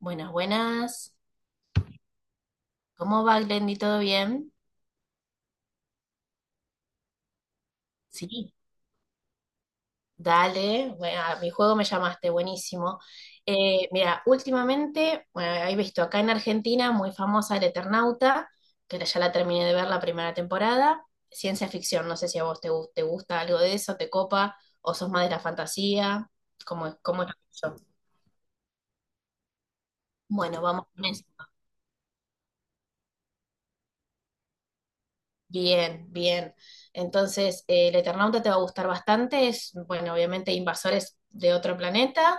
Buenas, buenas. ¿Cómo va, Glendy? ¿Todo bien? Sí, dale. Bueno, a mi juego me llamaste, buenísimo. Mira, últimamente, bueno, he visto acá en Argentina muy famosa El Eternauta, que ya la terminé de ver la primera temporada. Ciencia ficción, no sé si a vos te gusta algo de eso, te copa, o sos más de la fantasía, ¿cómo es eso? Bueno, vamos con eso. Bien, bien. Entonces, el Eternauta te va a gustar bastante. Es, bueno, obviamente invasores de otro planeta,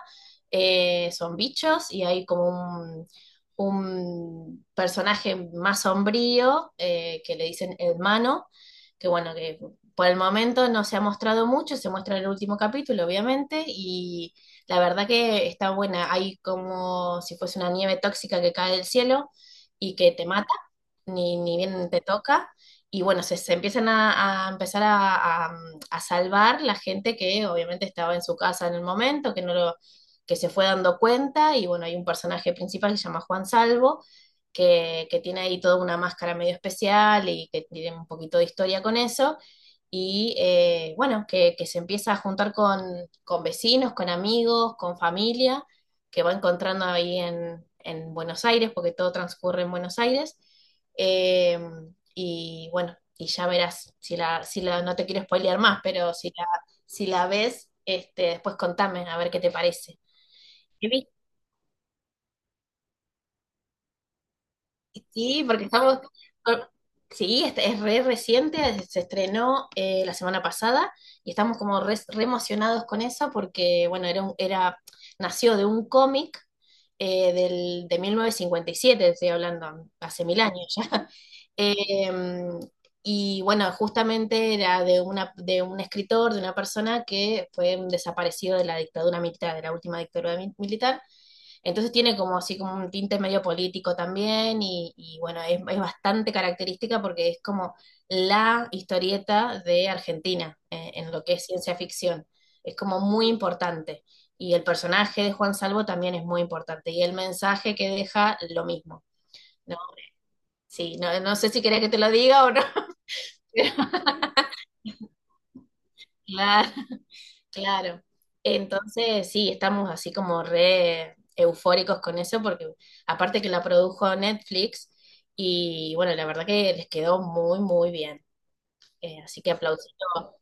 son bichos y hay como un personaje más sombrío que le dicen hermano, que bueno, que por el momento no se ha mostrado mucho, se muestra en el último capítulo, obviamente, y la verdad que está buena. Hay como si fuese una nieve tóxica que cae del cielo y que te mata, ni bien te toca y bueno, se empiezan a empezar a salvar la gente que obviamente estaba en su casa en el momento, que no lo, que se fue dando cuenta, y bueno, hay un personaje principal que se llama Juan Salvo, que tiene ahí toda una máscara medio especial y que tiene un poquito de historia con eso, y bueno, que se empieza a juntar con vecinos, con amigos, con familia, que va encontrando ahí en Buenos Aires, porque todo transcurre en Buenos Aires. Eh, y bueno, y ya verás, no te quiero spoilear más, pero si la ves, este, después contame a ver qué te parece. Sí, porque estamos... Sí, este es re reciente, se estrenó la semana pasada y estamos como re emocionados con eso porque, bueno, era nació de un cómic de 1957 estoy hablando, hace mil años ya. Eh, y bueno, justamente era de un escritor, de una persona que fue un desaparecido de la dictadura militar, de la última militar, entonces tiene como así como un tinte medio político también y bueno, es bastante característica porque es como la historieta de Argentina en lo que es ciencia ficción. Es como muy importante. Y el personaje de Juan Salvo también es muy importante. Y el mensaje que deja, lo mismo, ¿no? Sí, no, no sé si querés que te lo diga o no, pero claro. Claro. Entonces, sí, estamos así como re eufóricos con eso, porque aparte que la produjo Netflix, y bueno, la verdad que les quedó muy, muy bien. Así que aplausito.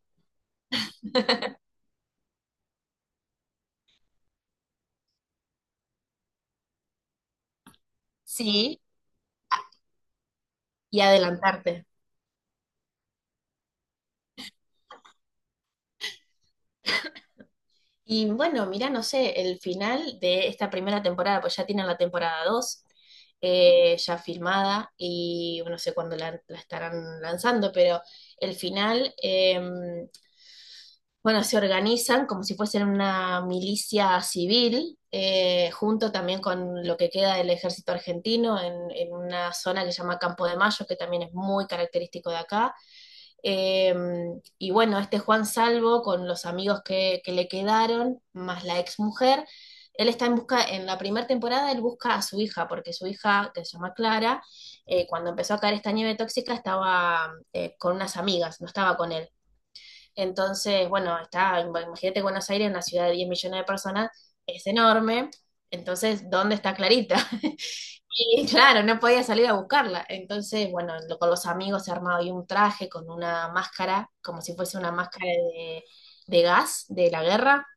Sí, y adelantarte. Y bueno, mira, no sé, el final de esta primera temporada, pues ya tienen la temporada 2 ya filmada, y bueno, no sé cuándo la estarán lanzando, pero el final, bueno, se organizan como si fuesen una milicia civil, junto también con lo que queda del ejército argentino en una zona que se llama Campo de Mayo, que también es muy característico de acá. Eh, y bueno, este Juan Salvo, con los amigos que le quedaron, más la exmujer, él está en busca, en la primera temporada él busca a su hija, porque su hija, que se llama Clara, cuando empezó a caer esta nieve tóxica estaba con unas amigas, no estaba con él. Entonces, bueno, está, imagínate Buenos Aires, una ciudad de 10 millones de personas, es enorme. Entonces, ¿dónde está Clarita? Y claro, no podía salir a buscarla. Entonces, bueno, con los amigos se armaba ahí un traje con una máscara, como si fuese una máscara de gas de la guerra.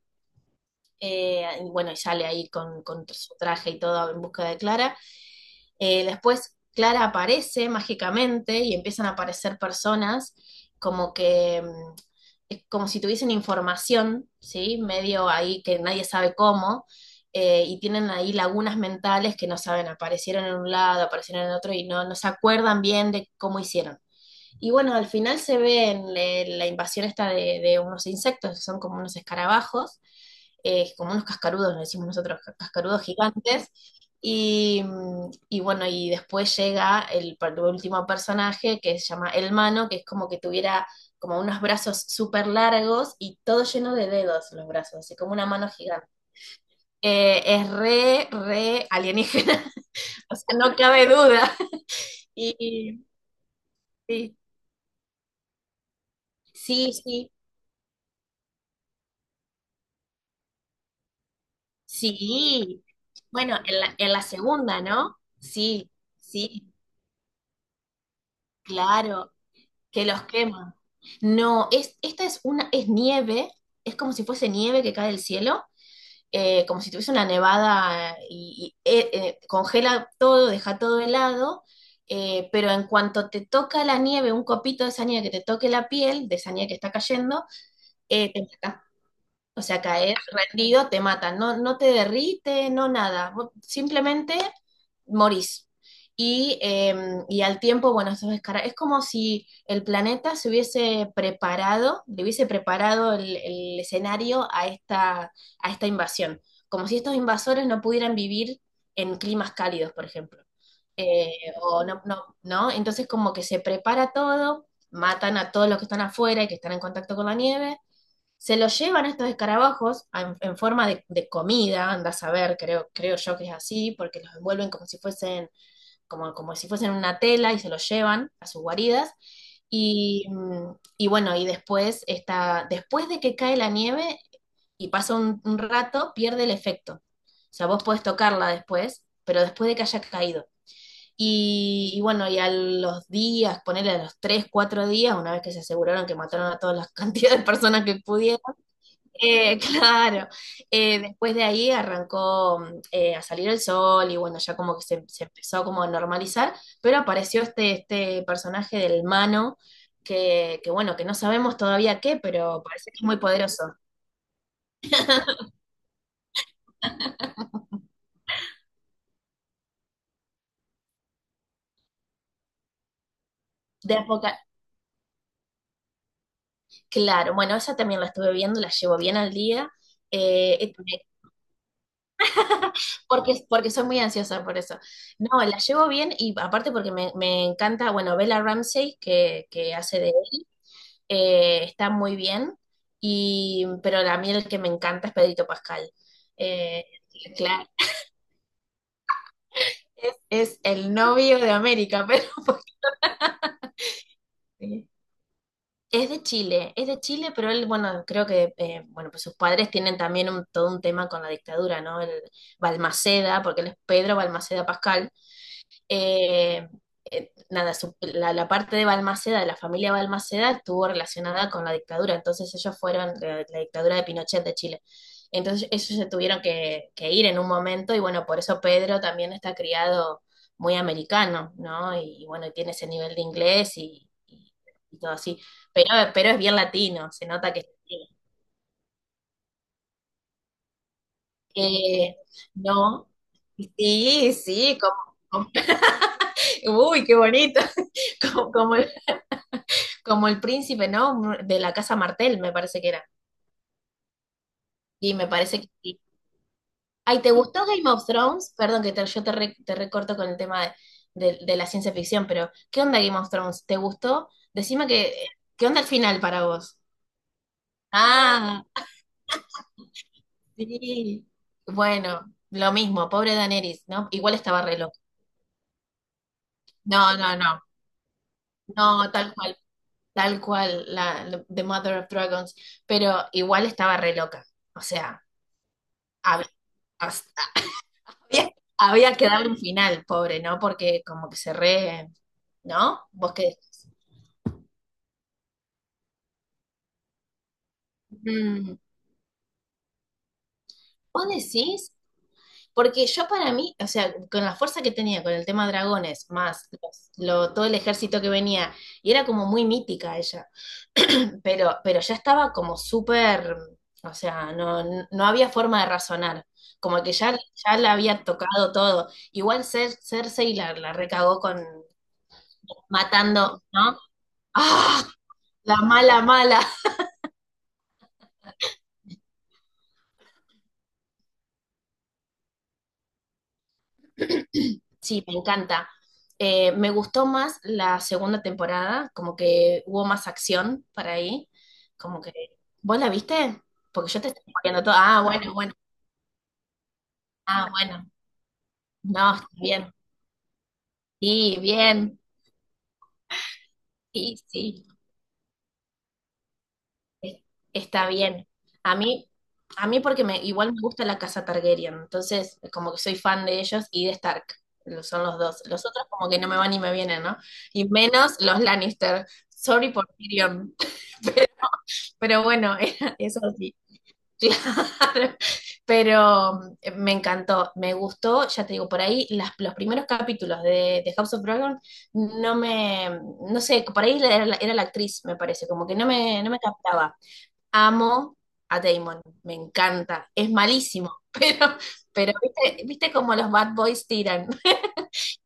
Y bueno, y sale ahí con su traje y todo en busca de Clara. Después Clara aparece mágicamente y empiezan a aparecer personas como que es como si tuviesen información, ¿sí? Medio ahí que nadie sabe cómo, y tienen ahí lagunas mentales que no saben, aparecieron en un lado, aparecieron en otro y no, no se acuerdan bien de cómo hicieron. Y bueno, al final se ve en la invasión esta de unos insectos, que son como unos escarabajos, como unos cascarudos, le decimos nosotros, cascarudos gigantes. Y, y bueno, y después llega último personaje que se llama El Mano, que es como que tuviera como unos brazos súper largos y todo lleno de dedos los brazos, así como una mano gigante. Es re alienígena, o sea, no cabe duda. Y, y- sí, sí. Sí, bueno, en la segunda, ¿no? Sí, sí, claro, que los queman. No, esta es una, es nieve, es como si fuese nieve que cae del cielo, como si tuviese una nevada congela todo, deja todo helado, pero en cuanto te toca la nieve, un copito de esa nieve que te toque la piel, de esa nieve que está cayendo, te o sea, caes rendido, te matan, no, no te derrite, no nada, vos simplemente morís. Y, eh, y al tiempo, bueno, eso es, es como si el planeta se hubiese preparado, le hubiese preparado el escenario a esta invasión, como si estos invasores no pudieran vivir en climas cálidos, por ejemplo. Eh, o no, no, ¿no? Entonces como que se prepara todo, matan a todos los que están afuera y que están en contacto con la nieve se los llevan estos escarabajos en forma de comida, anda a saber, creo, creo yo que es así, porque los envuelven como si fuesen, como, como si fuesen una tela y se los llevan a sus guaridas. Y, y bueno, y después está, después de que cae la nieve y pasa un rato, pierde el efecto. O sea, vos podés tocarla después, pero después de que haya caído. Y bueno, y a los días, ponerle a los tres, cuatro días, una vez que se aseguraron que mataron a todas las cantidades de personas que pudieron, claro. Después de ahí arrancó a salir el sol y bueno, ya como que se empezó como a normalizar, pero apareció este, este personaje del Mano, que bueno, que no sabemos todavía qué, pero parece que es muy poderoso. De época, claro, bueno, esa también la estuve viendo, la llevo bien al día, eh, eh, eh, porque, porque soy muy ansiosa por eso. No, la llevo bien y aparte porque me encanta, bueno, Bella Ramsey, que hace de él, está muy bien, y, pero la mí el que me encanta es Pedrito Pascal. Eh, claro, es el novio de América, pero sí. Es de Chile, es de Chile, pero él, bueno, creo que bueno, pues sus padres tienen también todo un tema con la dictadura, ¿no? El Balmaceda, porque él es Pedro Balmaceda Pascal. Eh, Nada, la parte de Balmaceda, de la familia Balmaceda, estuvo relacionada con la dictadura, entonces ellos fueron de la dictadura de Pinochet de Chile. Entonces ellos se tuvieron que ir en un momento y bueno, por eso Pedro también está criado muy americano, ¿no? Y bueno, tiene ese nivel de inglés y todo así, pero es bien latino, se nota que es latino. Eh, no, sí, sí, como- uy, qué bonito, como, como Como el príncipe, ¿no? De la casa Martel, me parece que era. Y me parece que sí. Ay, ¿te gustó Game of Thrones? Perdón que yo te recorto con el tema de la ciencia ficción, pero ¿qué onda Game of Thrones? ¿Te gustó? Decime que, ¿qué onda el final para vos? Ah, sí. Bueno, lo mismo, pobre Daenerys, ¿no? Igual estaba re loca. No, no, no. No, tal cual, The Mother of Dragons. Pero igual estaba re loca. O sea, a, había, había que darle un final, pobre, ¿no? Porque como que se re, ¿no? Vos que Mm, vos decís, porque yo para mí, o sea, con la fuerza que tenía con el tema dragones, más todo el ejército que venía, y era como muy mítica ella, pero ya estaba como súper, o sea, no, no había forma de razonar. Como que ya, ya la había tocado todo. Igual Cersei la recagó con matando, ¿no? ¡Ah! La mala, mala. Sí, me encanta. Me gustó más la segunda temporada, como que hubo más acción para ahí, como que... ¿Vos la viste? Porque yo te estoy poniendo todo. Ah, bueno, bueno, ah, bueno. No, está bien. Sí, bien. Sí, sí, es- está bien. A mí, a mí porque me, igual me gusta la casa Targaryen, entonces como que soy fan de ellos y de Stark. Son los dos. Los otros como que no me van ni me vienen, ¿no? Y menos los Lannister. Sorry por Tyrion. Pero bueno, eso sí, claro. Pero me encantó, me gustó, ya te digo, por ahí los primeros capítulos de House of Dragon no me, no sé, por ahí era, era la actriz, me parece, como que no me, no me captaba. Amo a Damon, me encanta, es malísimo, pero viste, viste como los bad boys tiran.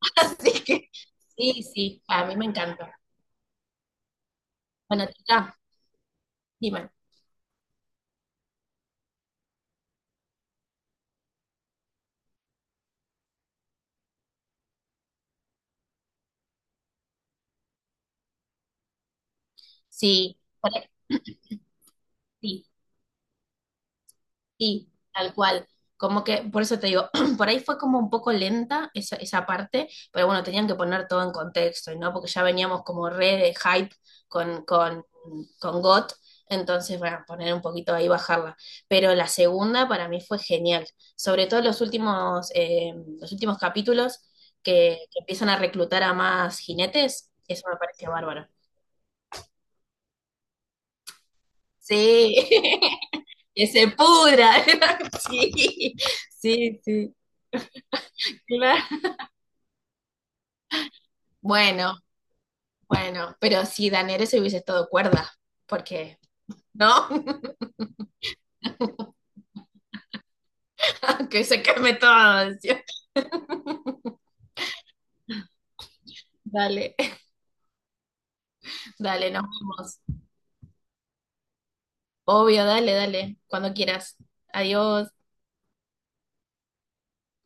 Así que sí, sí, a mí me encanta. Bueno, chica, dime, sí, por ahí, sí. Sí, tal cual. Como que, por eso te digo, por ahí fue como un poco lenta esa, esa parte, pero bueno, tenían que poner todo en contexto, ¿no? Porque ya veníamos como re de hype con, con, con GOT, entonces, bueno, poner un poquito ahí, bajarla. Pero la segunda para mí fue genial, sobre todo los últimos capítulos que empiezan a reclutar a más jinetes, eso me parece bárbaro. Sí, que se pudra. Sí, sí, sí. Claro. Bueno, bueno, pero si Daenerys hubiese estado cuerda, porque, ¿no? Que se queme todo, decía. Dale, dale, nos vemos. Obvio, dale, dale, cuando quieras. Adiós.